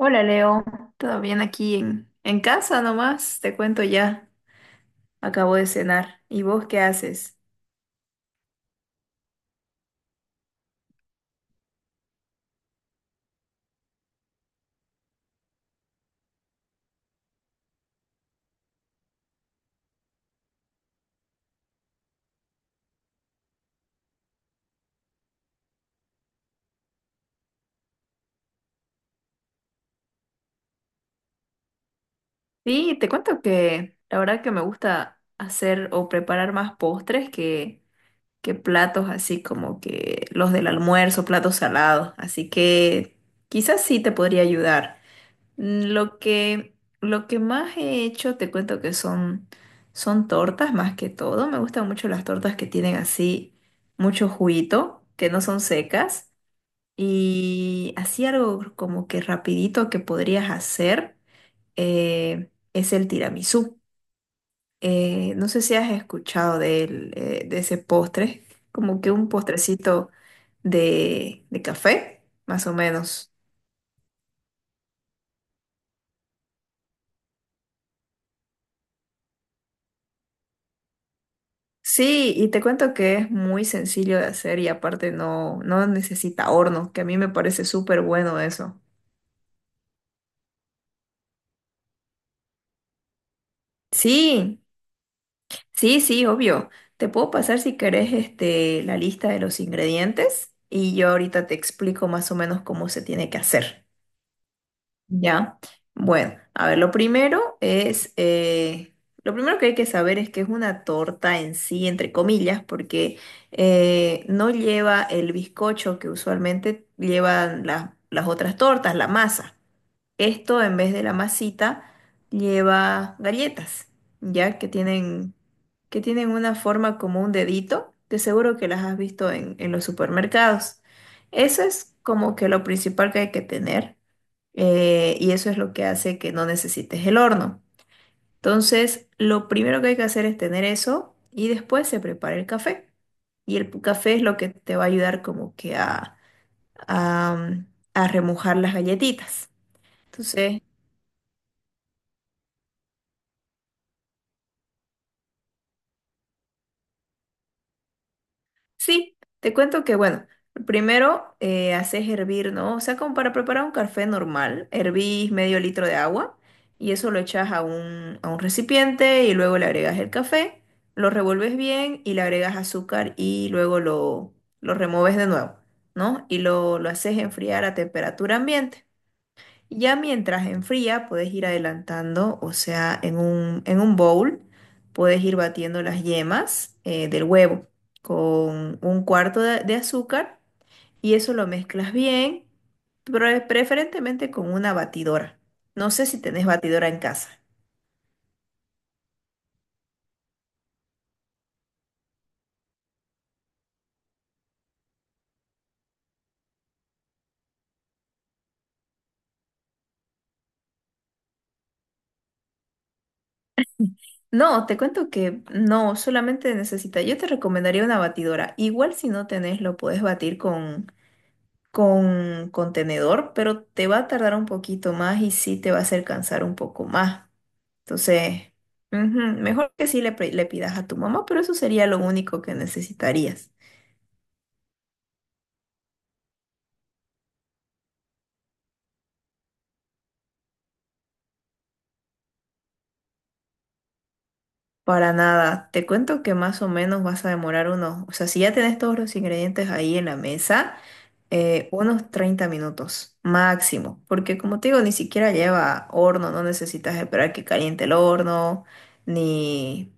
Hola Leo, ¿todo bien aquí en casa nomás? Te cuento ya, acabo de cenar. ¿Y vos qué haces? Sí, te cuento que la verdad que me gusta hacer o preparar más postres que platos así como que los del almuerzo, platos salados. Así que quizás sí te podría ayudar. Mm, Lo que, lo que más he hecho, te cuento que son tortas más que todo. Me gustan mucho las tortas que tienen así mucho juguito, que no son secas. Y así algo como que rapidito que podrías hacer es el tiramisú. No sé si has escuchado de ese postre, como que un postrecito de café, más o menos. Sí, y te cuento que es muy sencillo de hacer y aparte no necesita horno, que a mí me parece súper bueno eso. Sí, sí, sí, obvio. Te puedo pasar si querés este, la lista de los ingredientes y yo ahorita te explico más o menos cómo se tiene que hacer. Ya, bueno, a ver, lo primero que hay que saber es que es una torta en sí, entre comillas, porque no lleva el bizcocho que usualmente llevan las otras tortas, la masa. Esto en vez de la masita lleva galletas, ya que tienen una forma como un dedito, de seguro que las has visto en los supermercados. Eso es como que lo principal que hay que tener, y eso es lo que hace que no necesites el horno. Entonces, lo primero que hay que hacer es tener eso y después se prepara el café. Y el café es lo que te va a ayudar como que a, mm, a remojar las galletitas. Entonces, sí, te cuento que, bueno, primero haces hervir, ¿no? O sea, como para preparar un café normal, hervís medio litro de agua y eso lo echas a a un recipiente y luego le agregas el café, lo revuelves bien y le agregas azúcar y luego lo removes de nuevo, ¿no? Y lo haces enfriar a temperatura ambiente. Ya mientras enfría, puedes ir adelantando, o sea, en en un bowl, puedes ir batiendo las yemas del huevo con un cuarto de azúcar y eso lo mezclas bien, preferentemente con una batidora. No sé si tenés batidora en casa. No, te cuento que no, solamente necesitas, yo te recomendaría una batidora. Igual si no tenés, lo puedes batir con contenedor, pero te va a tardar un poquito más y sí te va a hacer cansar un poco más. Entonces, ujú, mejor que sí le, le pidas a tu mamá, pero eso sería lo único que necesitarías. Para nada, te cuento que más o menos vas a demorar unos, o sea, si ya tenés todos los ingredientes ahí en la mesa, unos 30 minutos máximo, porque como te digo, ni siquiera lleva horno, no necesitas esperar que caliente el horno, ni...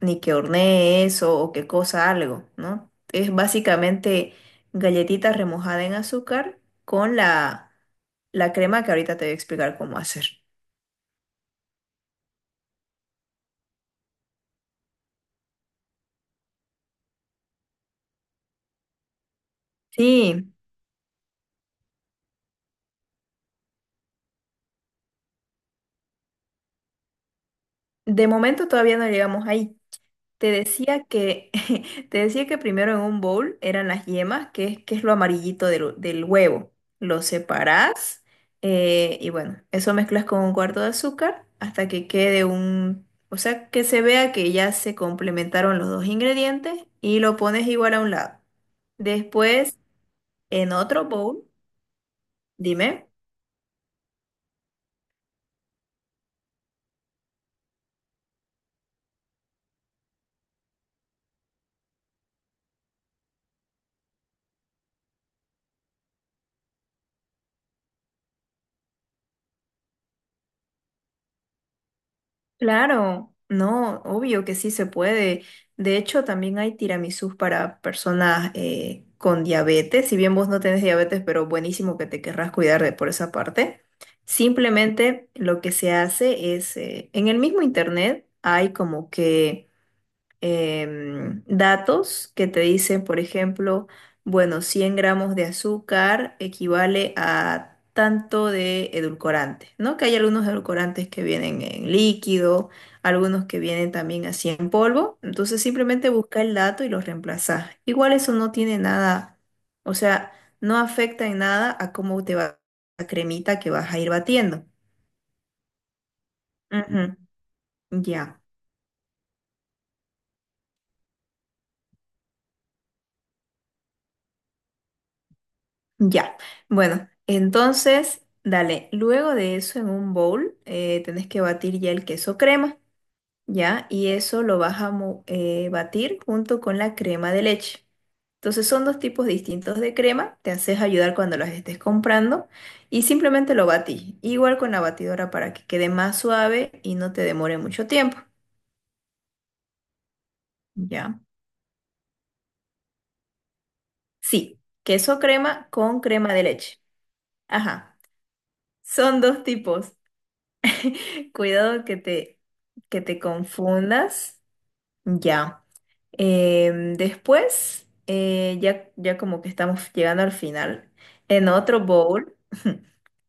ni que hornee eso o que cosa algo, ¿no? Es básicamente galletita remojada en azúcar con la crema que ahorita te voy a explicar cómo hacer. Sí, de momento todavía no llegamos ahí. Te decía que, te decía que primero en un bowl eran las yemas, que es lo amarillito del huevo. Lo separás, y bueno, eso mezclas con un cuarto de azúcar hasta que quede un, o sea, que se vea que ya se complementaron los dos ingredientes y lo pones igual a un lado. Después, en otro bowl, dime. Claro, no, obvio que sí se puede. De hecho, también hay tiramisús para personas con diabetes. Si bien vos no tenés diabetes, pero buenísimo que te querrás cuidar de por esa parte. Simplemente lo que se hace es, en el mismo internet hay como que datos que te dicen, por ejemplo, bueno, 100 gramos de azúcar equivale a tanto de edulcorante, ¿no? Que hay algunos edulcorantes que vienen en líquido, algunos que vienen también así en polvo, entonces simplemente busca el dato y lo reemplazas. Igual eso no tiene nada, o sea, no afecta en nada a cómo te va la cremita que vas a ir batiendo. Ujú, ya. Ya, bueno, entonces, dale, luego de eso en un bowl tenés que batir ya el queso crema, ¿ya? Y eso lo vas a batir junto con la crema de leche. Entonces son dos tipos distintos de crema, te haces ayudar cuando las estés comprando y simplemente lo batís, igual con la batidora para que quede más suave y no te demore mucho tiempo, ¿ya? Sí, queso crema con crema de leche. Ajá, son dos tipos. Cuidado que te confundas. Ya. Después, ya, ya como que estamos llegando al final. En otro bowl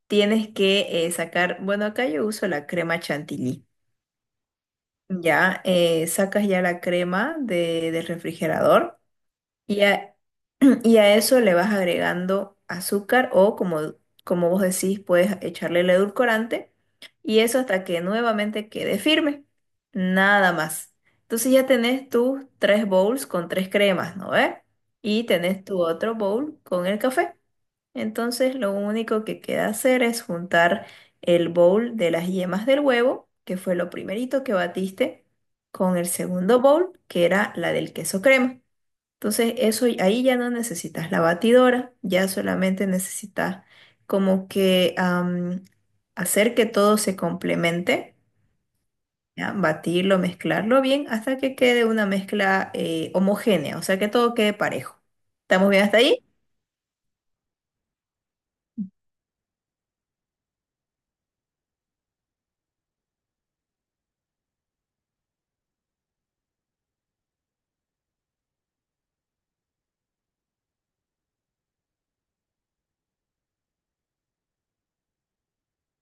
tienes que sacar, bueno, acá yo uso la crema chantilly. Ya, sacas ya la crema del refrigerador. Y a, y a eso le vas agregando azúcar o como vos decís, puedes echarle el edulcorante y eso hasta que nuevamente quede firme. Nada más. Entonces ya tenés tus tres bowls con tres cremas, ¿no ves? Y tenés tu otro bowl con el café. Entonces lo único que queda hacer es juntar el bowl de las yemas del huevo, que fue lo primerito que batiste, con el segundo bowl, que era la del queso crema. Entonces, eso ahí ya no necesitas la batidora, ya solamente necesitas como que hacer que todo se complemente, ¿ya? Batirlo, mezclarlo bien hasta que quede una mezcla homogénea, o sea que todo quede parejo. ¿Estamos bien hasta ahí?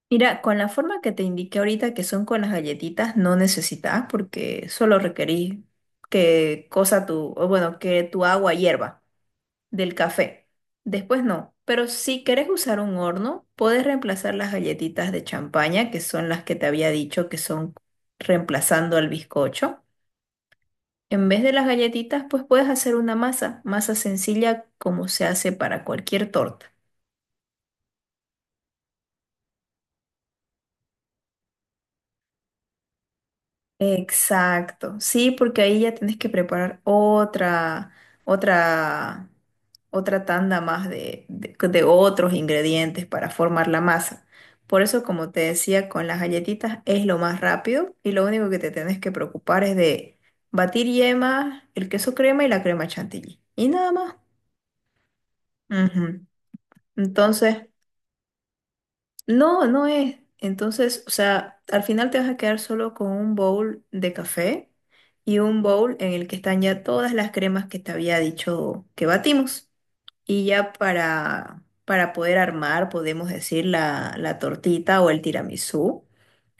Mira, con la forma que te indiqué ahorita, que son con las galletitas, no necesitas porque solo requerís que cosa tu, o bueno, que tu agua hierva. Del café. Después no, pero si querés usar un horno, podés reemplazar las galletitas de champaña, que son las que te había dicho que son reemplazando al bizcocho. En vez de las galletitas, pues puedes hacer una masa, masa sencilla como se hace para cualquier torta. Exacto, sí, porque ahí ya tienes que preparar otra, otra tanda más de, de otros ingredientes para formar la masa. Por eso, como te decía, con las galletitas es lo más rápido y lo único que te tienes que preocupar es de batir yema, el queso crema y la crema chantilly. Y nada más. Ujú. Entonces, no, no es. Entonces, o sea, al final te vas a quedar solo con un bowl de café y un bowl en el que están ya todas las cremas que te había dicho que batimos. Y ya para poder armar, podemos decir, la tortita o el tiramisú.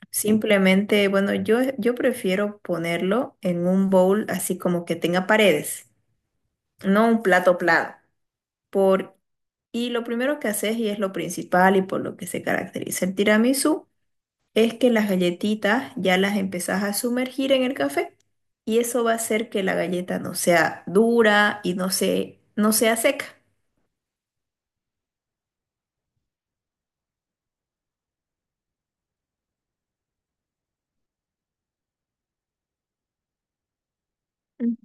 Simplemente, bueno, yo prefiero ponerlo en un bowl así como que tenga paredes, no un plato plano. Por, y lo primero que haces, y es lo principal y por lo que se caracteriza el tiramisú, es que las galletitas ya las empezás a sumergir en el café y eso va a hacer que la galleta no sea dura y no no sea seca. Mm.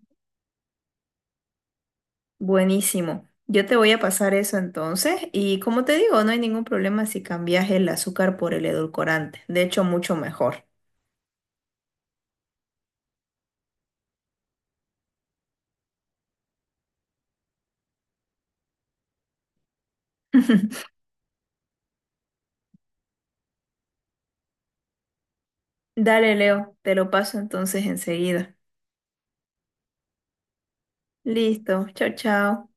Buenísimo. Yo te voy a pasar eso entonces y como te digo, no hay ningún problema si cambias el azúcar por el edulcorante. De hecho, mucho mejor. Dale, Leo, te lo paso entonces enseguida. Listo, chao, chao.